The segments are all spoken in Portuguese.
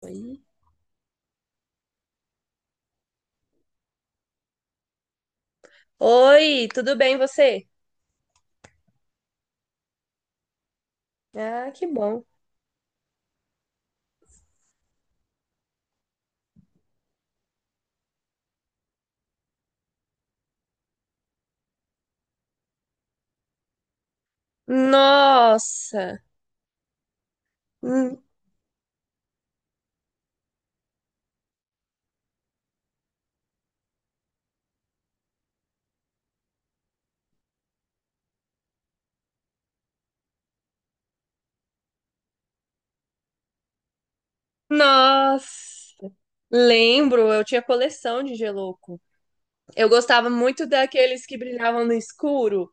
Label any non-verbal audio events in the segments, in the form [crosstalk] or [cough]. Oi. Oi, tudo bem você? Ah, que bom. Nossa, hum, nossa. Lembro, eu tinha coleção de geloco. Eu gostava muito daqueles que brilhavam no escuro.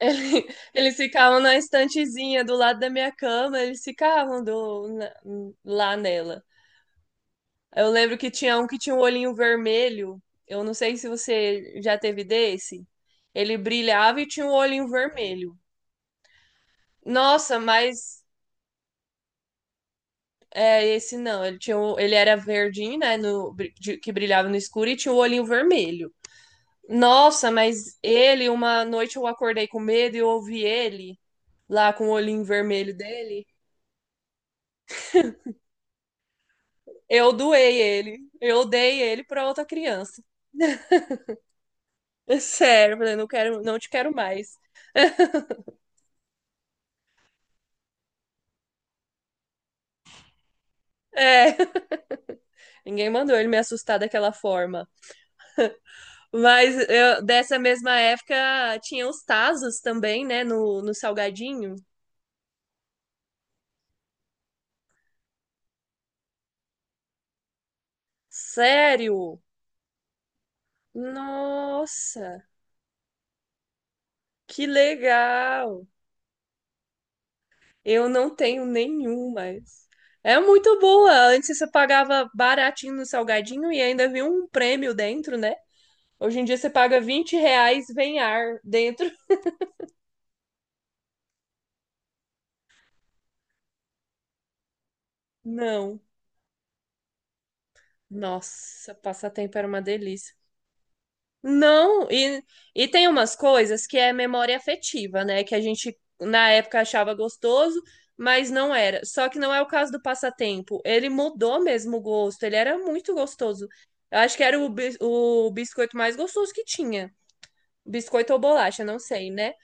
Ele- [laughs] Eles ficavam na estantezinha do lado da minha cama, eles ficavam do- na- lá nela. Eu lembro que tinha um olhinho vermelho. Eu não sei se você já teve desse. Ele brilhava e tinha um olhinho vermelho. Nossa, mas É, esse não. Ele era verdinho, né? Que brilhava no escuro e tinha o olhinho vermelho. Nossa, mas ele, uma noite eu acordei com medo e eu ouvi ele lá com o olhinho vermelho dele. Eu doei ele. Eu dei ele pra outra criança. [laughs] Sério, eu falei, não quero, não te quero mais. É, [laughs] ninguém mandou ele me assustar daquela forma. Dessa mesma época tinha os Tazos também, né? No salgadinho. Sério? Nossa. Que legal! Eu não tenho nenhum, mas é muito boa. Antes você pagava baratinho no salgadinho e ainda vinha um prêmio dentro, né? Hoje em dia você paga R$ 20, vem ar dentro. Não. Nossa, passatempo era uma delícia. Não, e tem umas coisas que é memória afetiva, né? Que a gente na época achava gostoso, mas não era. Só que não é o caso do passatempo. Ele mudou mesmo o gosto, ele era muito gostoso. Eu acho que era o biscoito mais gostoso que tinha. Biscoito ou bolacha, não sei, né?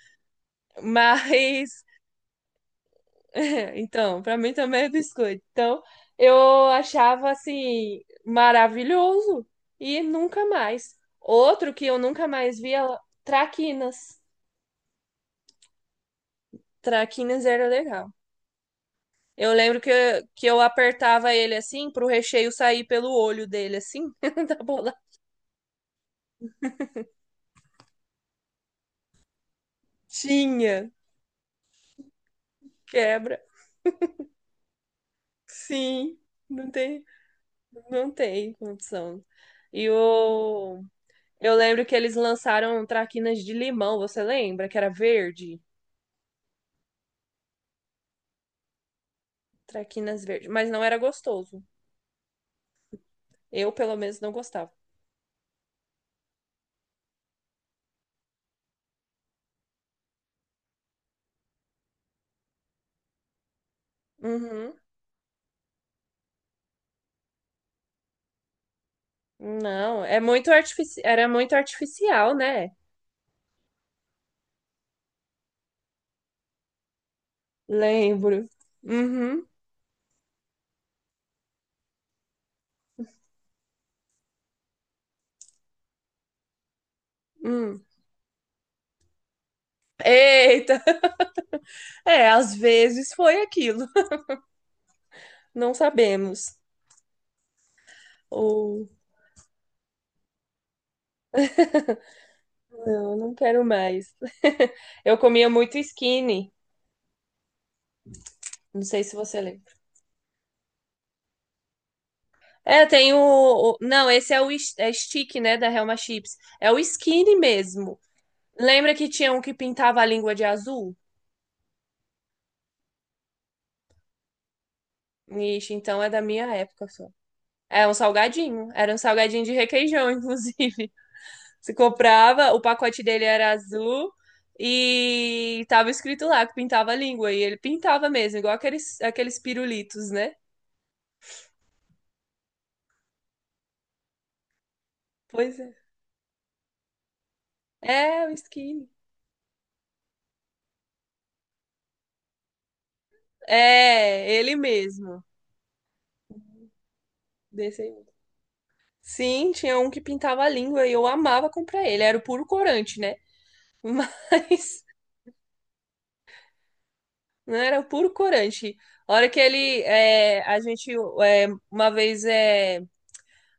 Mas, [laughs] então, pra mim também é biscoito. Então, eu achava assim, maravilhoso. E nunca mais. Outro que eu nunca mais via, traquinas. Traquinas era legal. Eu lembro que, que eu apertava ele assim pro recheio sair pelo olho dele, assim, [laughs] da bolatinha. Quebra. Sim, não tem, não tem condição. E o. Eu lembro que eles lançaram traquinas de limão, você lembra? Que era verde? Traquinas verde. Mas não era gostoso. Eu, pelo menos, não gostava. Uhum. Não, é muito era muito artificial, né? Lembro. Uhum. Hum. Eita! É, às vezes foi aquilo. [laughs] Não sabemos. Ou, não, não quero mais. [laughs] Eu comia muito skinny. Não sei se você lembra. Não, esse é o is- é stick, né, da Helma Chips. É o skinny mesmo. Lembra que tinha um que pintava a língua de azul? Ixi, então é da minha época só. É um salgadinho. Era um salgadinho de requeijão, [laughs] inclusive. Você comprava, o pacote dele era azul e tava escrito lá que pintava a língua. E ele pintava mesmo, igual aqueles pirulitos, né? Pois é. É, o skin. É, ele mesmo. Desse aí. Sim, tinha um que pintava a língua e eu amava comprar ele. Era o puro corante, né? Mas [laughs] não era o puro corante. A hora que ele. É, a gente. É, uma vez. É,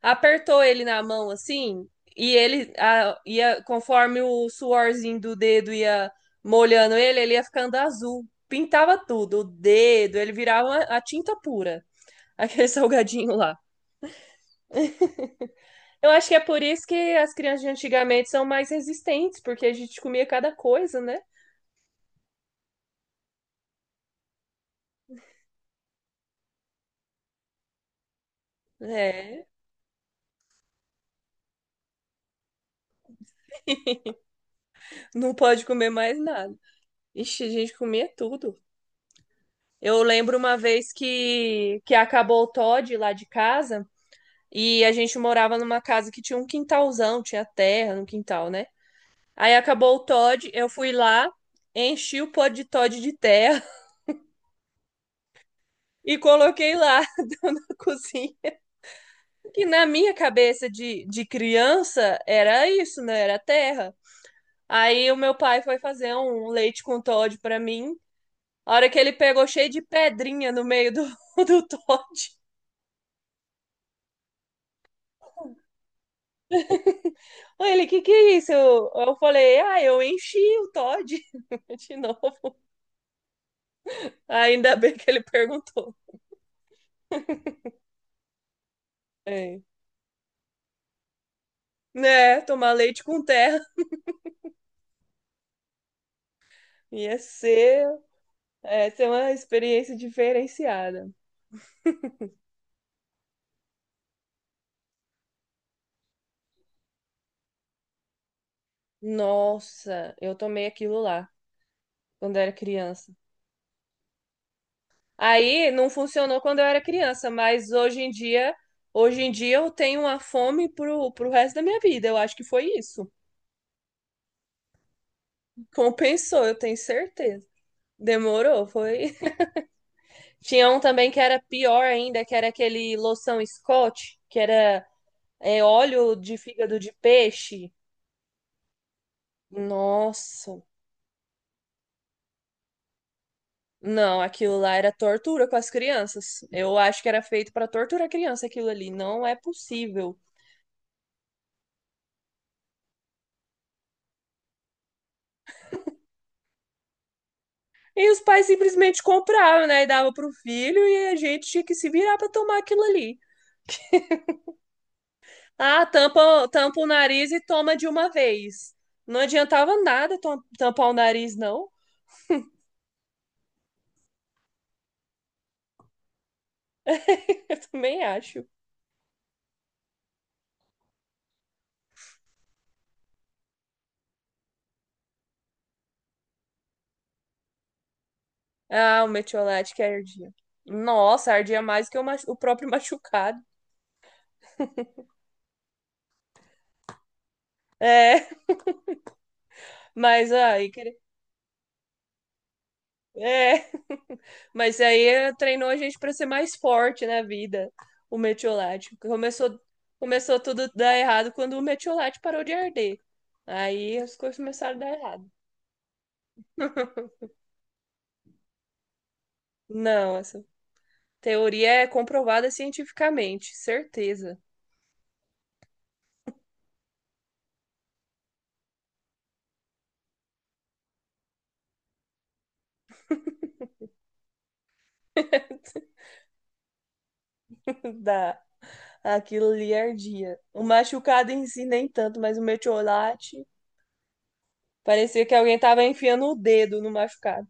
apertou ele na mão assim, e ia, conforme o suorzinho do dedo ia molhando ele, ele ia ficando azul. Pintava tudo, o dedo, a tinta pura, [laughs] aquele salgadinho lá. Eu acho que é por isso que as crianças de antigamente são mais resistentes, porque a gente comia cada coisa, né? É, não pode comer mais nada. Ixi, a gente comia tudo. Eu lembro uma vez que acabou o Toddy lá de casa. E a gente morava numa casa que tinha um quintalzão, tinha terra no quintal, né? Aí acabou o Todd, eu fui lá, enchi o pó de Todd de terra [laughs] e coloquei lá na [laughs] cozinha. Que na minha cabeça de criança era isso, né? Era terra. Aí o meu pai foi fazer um leite com Todd pra mim. A hora que ele pegou cheio de pedrinha no meio do, [laughs] do Todd. Aí ele, que é isso? Eu falei, ah, eu enchi o Todd [laughs] de novo. Ainda bem que ele perguntou. É. Né, tomar leite com terra [laughs] ia ser, é, ser uma experiência diferenciada. Nossa, eu tomei aquilo lá quando eu era criança. Aí não funcionou quando eu era criança, mas hoje em dia eu tenho uma fome pro resto da minha vida. Eu acho que foi isso. Compensou, eu tenho certeza. Demorou, foi. [laughs] Tinha um também que era pior ainda, que era aquele loção Scott, que era óleo de fígado de peixe. Nossa. Não, aquilo lá era tortura com as crianças. Eu acho que era feito para torturar a criança aquilo ali. Não é possível. E os pais simplesmente compravam, né? E dava pro filho e a gente tinha que se virar para tomar aquilo ali. Ah, tampa, tampa o nariz e toma de uma vez. Não adiantava nada tampar o nariz, não. [laughs] Eu também acho. Ah, o metiolate que ardia. Nossa, ardia mais que o próprio [laughs] machucado. É, mas aí, queria. É. Mas aí treinou a gente para ser mais forte na vida, o metiolate. Começou, começou tudo a dar errado quando o metiolate parou de arder. Aí as coisas começaram a dar errado. [laughs] Não, essa teoria é comprovada cientificamente, certeza. [laughs] Dá. Aquilo ali ardia. O machucado em si nem tanto, mas o metiolate parecia que alguém tava enfiando o dedo no machucado.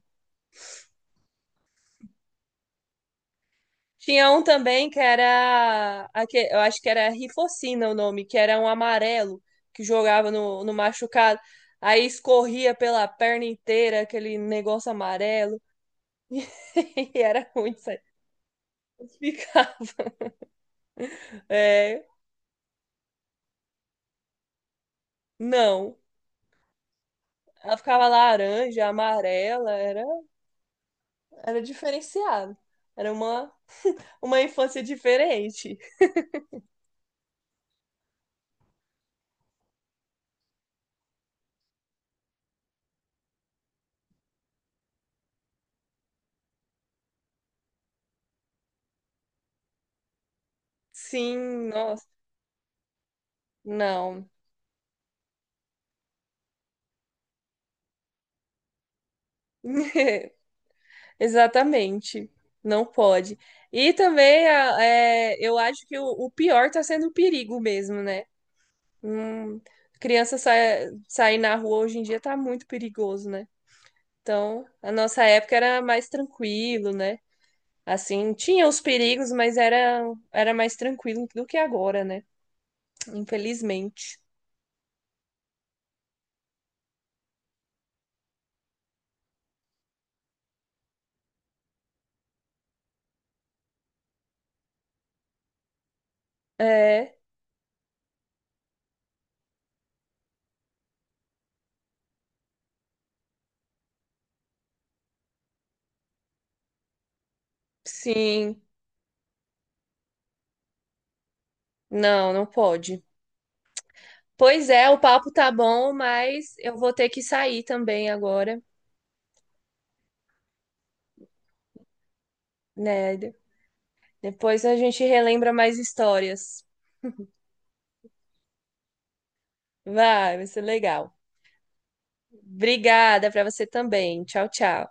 Tinha um também que era, eu acho que era Rifocina o nome, que era um amarelo que jogava no machucado. Aí escorria pela perna inteira aquele negócio amarelo. [laughs] E era ruim isso aí. Ficava, é, não. Ela ficava laranja, amarela, era diferenciado. Era uma, uma infância diferente. Sim, nossa, não. [laughs] Exatamente. Não pode. E também é, eu acho que o pior tá sendo o perigo mesmo, né? Hum, criança sa sair na rua hoje em dia tá muito perigoso, né? Então, a nossa época era mais tranquilo, né? Assim, tinha os perigos, era mais tranquilo do que agora, né? Infelizmente. É, sim. Não, não pode. Pois é, o papo tá bom, mas eu vou ter que sair também agora, né? Depois a gente relembra mais histórias. Vai ser legal. Obrigada para você também. Tchau, tchau.